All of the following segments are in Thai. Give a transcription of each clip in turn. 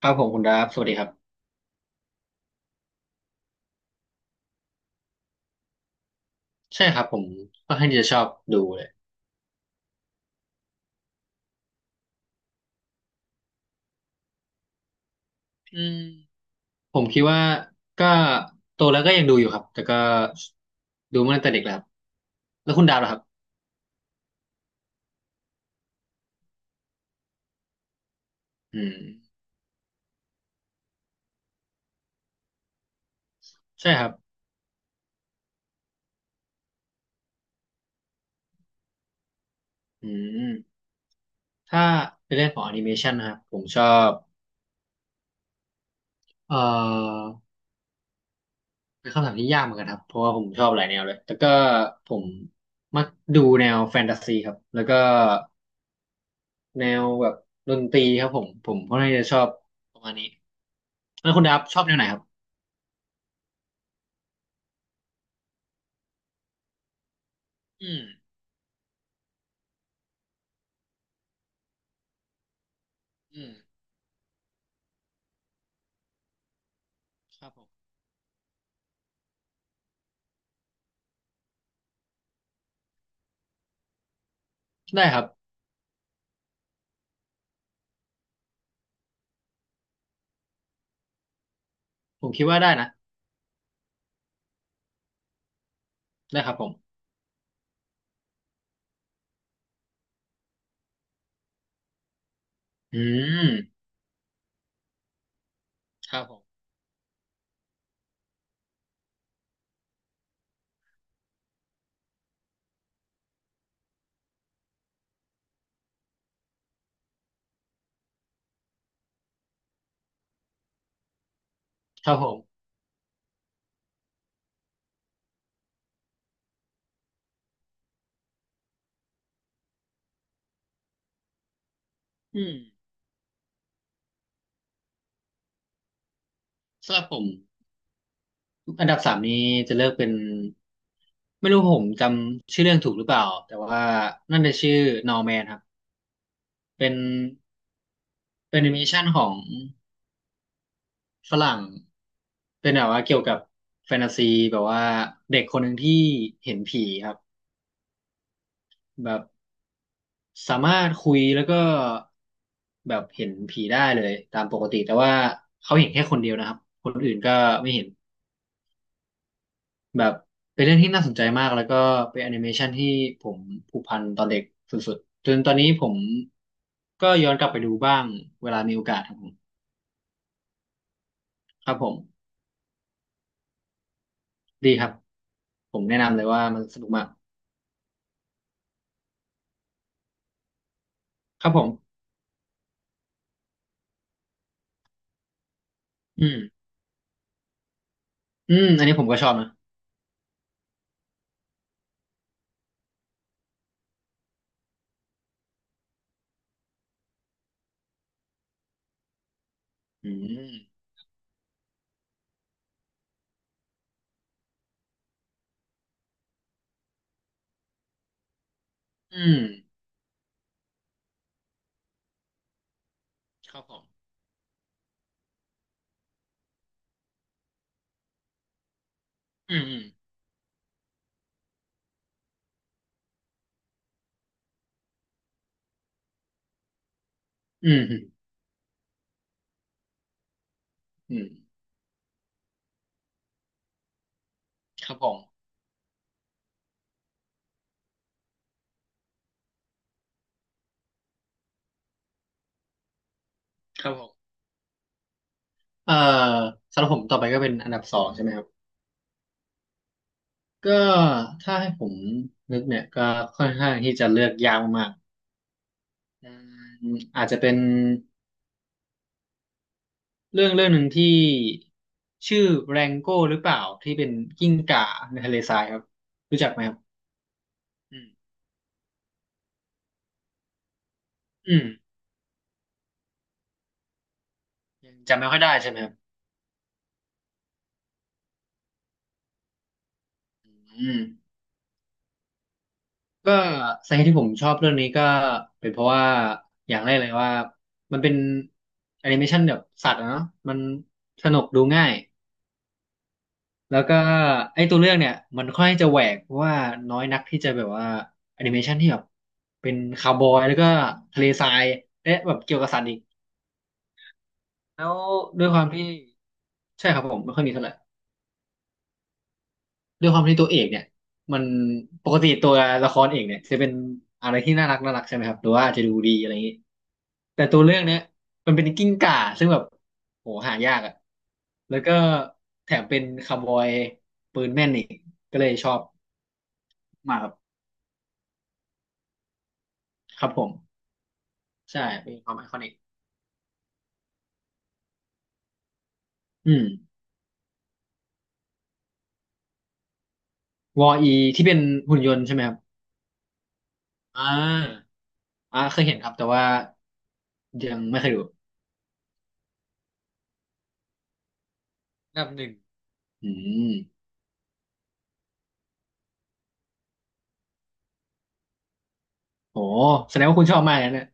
ครับผมคุณดาฟสวัสดีครับใช่ครับผมก็ค่อนข้างที่จะชอบดูเลยอืมผมคิดว่าก็โตแล้วก็ยังดูอยู่ครับแต่ก็ดูมาตั้งแต่เด็กแล้วครับแล้วคุณดาฟล่ะครับอืมใช่ครับอืมถ้าเป็นเรื่องของแอนิเมชันนะครับผมชอบเอ่อเป็นคำถามที่ยากเหมือนกันครับเพราะว่าผมชอบหลายแนวเลยแต่ก็ผมมักดูแนวแฟนตาซีครับแล้วก็แนวแบบดนตรีครับผมค่อนข้างที่จะชอบประมาณนี้แล้วคุณดาฟชอบแนวไหนครับ อืมอืมครับผมได้ครับ ผมคิดว่าได้นะ ได้ครับผมอืมครับผม ครับผมอืมสำหรับผมอันดับสามนี้จะเลือกเป็น ไม่รู้ผมจำชื่อเรื่องถูกหรือเปล่า แต่ว่านั่นจะชื่อ Norman ครับเป็นเป็นแอนิเมชันของฝรั่ง เป็นแบบว่าเกี่ยวกับแฟนตาซีแบบว่าเด็กคนหนึ่งที่เห็นผีครับแบบ สามารถคุยแล้วก็แบบเห็นผีได้เลยตามปกติแต่ว่าเขาเห็นแค่คนเดียวนะครับคนอื่นก็ไม่เห็นแบบเป็นเรื่องที่น่าสนใจมากแล้วก็เป็นแอนิเมชันที่ผมผูกพันตอนเด็กสุดๆจนตอนนี้ผมก็ย้อนกลับไปดูบ้างเวลามีโอกาสครับผมครับผมดีครับผมแนะนำเลยว่ามันสนุกมากครับผมอืมอืมอันนี้ผมก็ชอบนะอืมอืมครับผมอืมอืมอืมอืมครับผมครับผม เอ่อสำหรับผมต่อไปก็เป็นอันดับสองใช่ไหมครับก็ถ้าให้ผมนึกเนี่ยก็ค่อนข้างที่จะเลือกยากมากๆอืมอาจจะเป็นเรื่องหนึ่งที่ชื่อแรงโก้หรือเปล่าที่เป็นกิ้งก่าในทะเลทรายครับรู้จักไหมครับอืมอืมยังจำไม่ค่อยได้ใช่ไหมครับอืมก็สาเหตุที่ผมชอบเรื่องนี้ก็เป็นเพราะว่าอย่างแรกเลยว่ามันเป็นแอนิเมชันแบบสัตว์อะเนาะมันสนุกดูง่าย แล้วก็ไอ้ตัวเรื่องเนี่ยมันค่อนข้างจะแหวกเพราะว่าน้อยนักที่จะแบบว่าแอนิเมชันที่แบบเป็นคาวบอยแล้วก็ทะเลทรายและแบบเกี่ยวกับสัตว์อีกแล้วด้วยความที่ใช่ครับผมไม่ค่อยมีเท่าไหร่ด้วยความที่ตัวเอกเนี่ยมันปกติตัวละครเอกเนี่ยจะเป็นอะไรที่น่ารักน่ารักใช่ไหมครับหรือว่าอาจจะดูดีอะไรอย่างนี้แต่ตัวเรื่องเนี้ยมันเป็นกิ้งก่าซึ่งแบบโหหายากอ่ะแล้วก็แถมเป็นคาวบอยปืนแม่นอีกก็เลยชอบมากครับครับผม ใช่เป็นความไอคอนิกอืมวออีที่เป็นหุ่นยนต์ใช่ไหมครับอ่าอ่าเคยเห็นครับแต่ว่ายังไม่เคยดูอันดับหนึ่งอืมโหแสดงว่าคุณชอบมากนะเนี่ย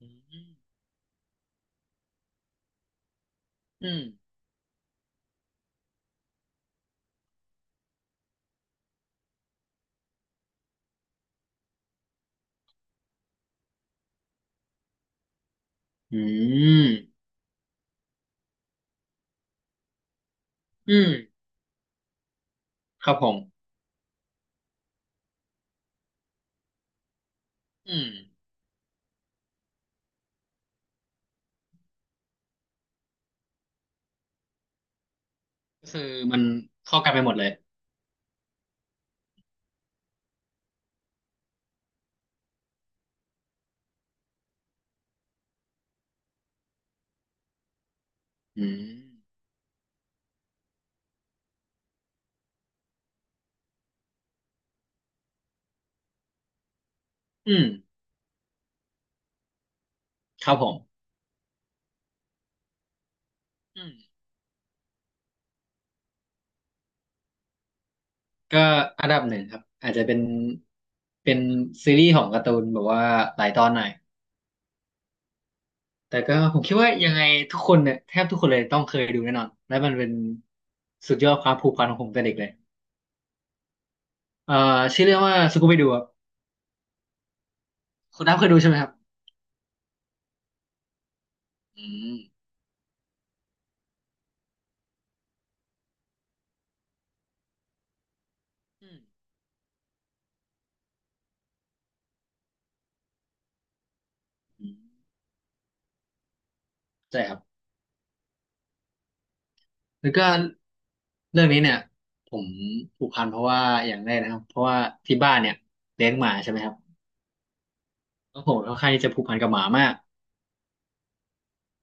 อืมอืมอืมอืมครับผมอืมก็คือมันเข้ากันไปหมดเลยอืมอืมครับผมอืมก็อันดับหนึ่งครับอาจจะเป็นซีรีส์ของการ์ตูนแบบว่าหลายตอนหน่อย แต่ก็ผมคิดว่ายังไงทุกคนเนี่ยแทบทุกคนเลยต้องเคยดูแน่นอนและมันเป็นสุดยอดความผูกพันของผมแต่เด็กเลยเอ่อชื่อเรื่องว่าสกูไปดูครับคุณน้ำเคยดูใช่ไหมครับอืมอืมอืมใช่ครับแล้วก็เรื่องนี้เนี่ยผมผูกพันเพราะว่าอย่างแรกนะครับเพราะว่าที่บ้านเนี่ยเลี้ยงหมาใช่ไหมครับแล้วผมค่อนข้างที่จะผูกพันกับหมามาก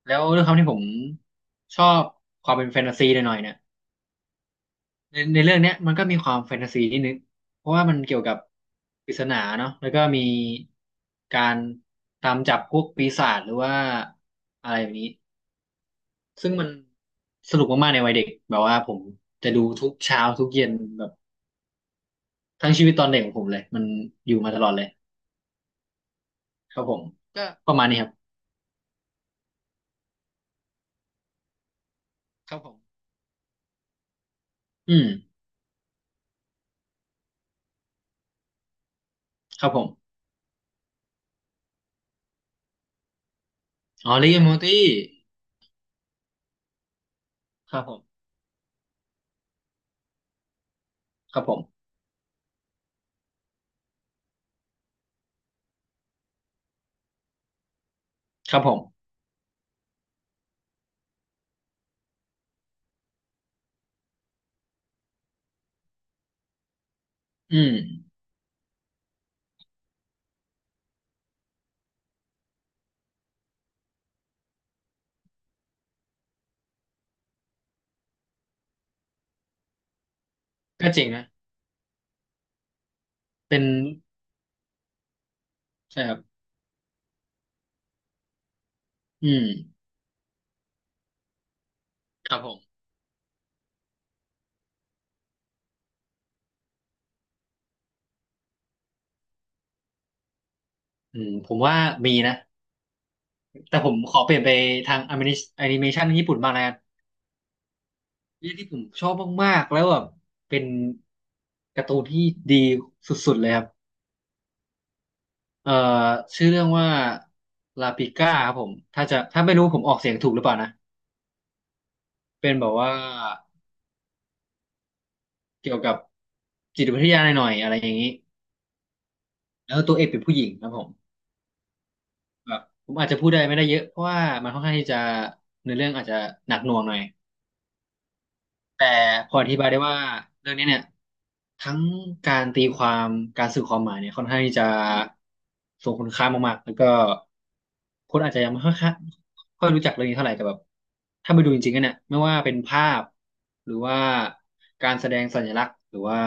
แล้วด้วยความที่ผมชอบความเป็นแฟนตาซีหน่อยๆเนี่ย ในเรื่องเนี้ยมันก็มีความแฟนตาซีนิดนึงเพราะว่ามันเกี่ยวกับปริศนาเนาะแล้วก็มีการตามจับพวกปีศาจหรือว่าอะไรแบบนี้ซึ่งมันสนุกมากๆในวัยเด็กแบบว่าผมจะดูทุกเช้าทุกเย็นแบบทั้งชีวิตตอนเด็กของผมเลยมันอยู่มาตลอดเลยครับผมก็ประมาณนี้ครับครับผมอืมครับผมอ๋อริกแอนด์มอร์ตี้ครับผมครับผมครับผมอืมก็เจ๋งนะเป็นใช่ครับอืมครับผม อืมผมว่ามีนะแต่ผมขอเปลี่ยนไปทางแอนิเมชันญี่ปุ่นบ้างนะเรื่องที่ผมชอบมากๆแล้วแบบเป็นการ์ตูนที่ดีสุดๆเลยครับเอ่อชื่อเรื่องว่าลาปิก้าครับผมถ้าจะถ้าไม่รู้ผมออกเสียงถูกหรือเปล่านะเป็นแบบว่าเกี่ยวกับจิตวิทยาหน่อยๆอะไรอย่างนี้แล้วตัวเอกเป็นผู้หญิงครับผมแบบผมอาจจะพูดได้ไม่ได้เยอะเพราะว่ามันค่อนข้างที่จะเนื้อเรื่องอาจจะหนักหน่วงหน่อยแต่พออธิบายได้ว่าเรื่องนี้เนี่ย ทั้งการตีความการสื่อความหมายเนี่ยค่อนข้างที่จะทรงคุณค่ามากๆ แล้วก็คนอาจจะยังไม่ค่อยค่อย่รู้จักเรื่องนี้เท่าไหร่แต่แบบถ้าไปดูจริงๆกันเนี่ยไม่ว่าเป็นภาพหรือว่าการแสดงสัญลักษณ์หรือว่า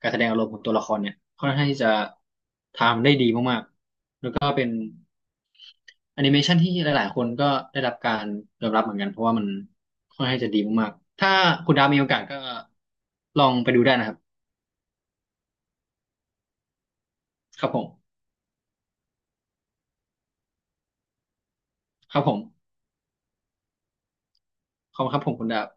การแสดงอารมณ์ของตัวละครเนี่ยค่อนข้างที่จะทำได้ดีมากๆแล้วก็เป็นแอนิเมชันที่หลายๆคนก็ได้รับการยอมรับเหมือนกันเพราะว่ามันค่อนข้างจะดีมากๆถ้าคุณดาวมีโอกาสก็ลองไปดูได้นะครับครับผม ครับผมขอบคุณครับผมคุณดาบ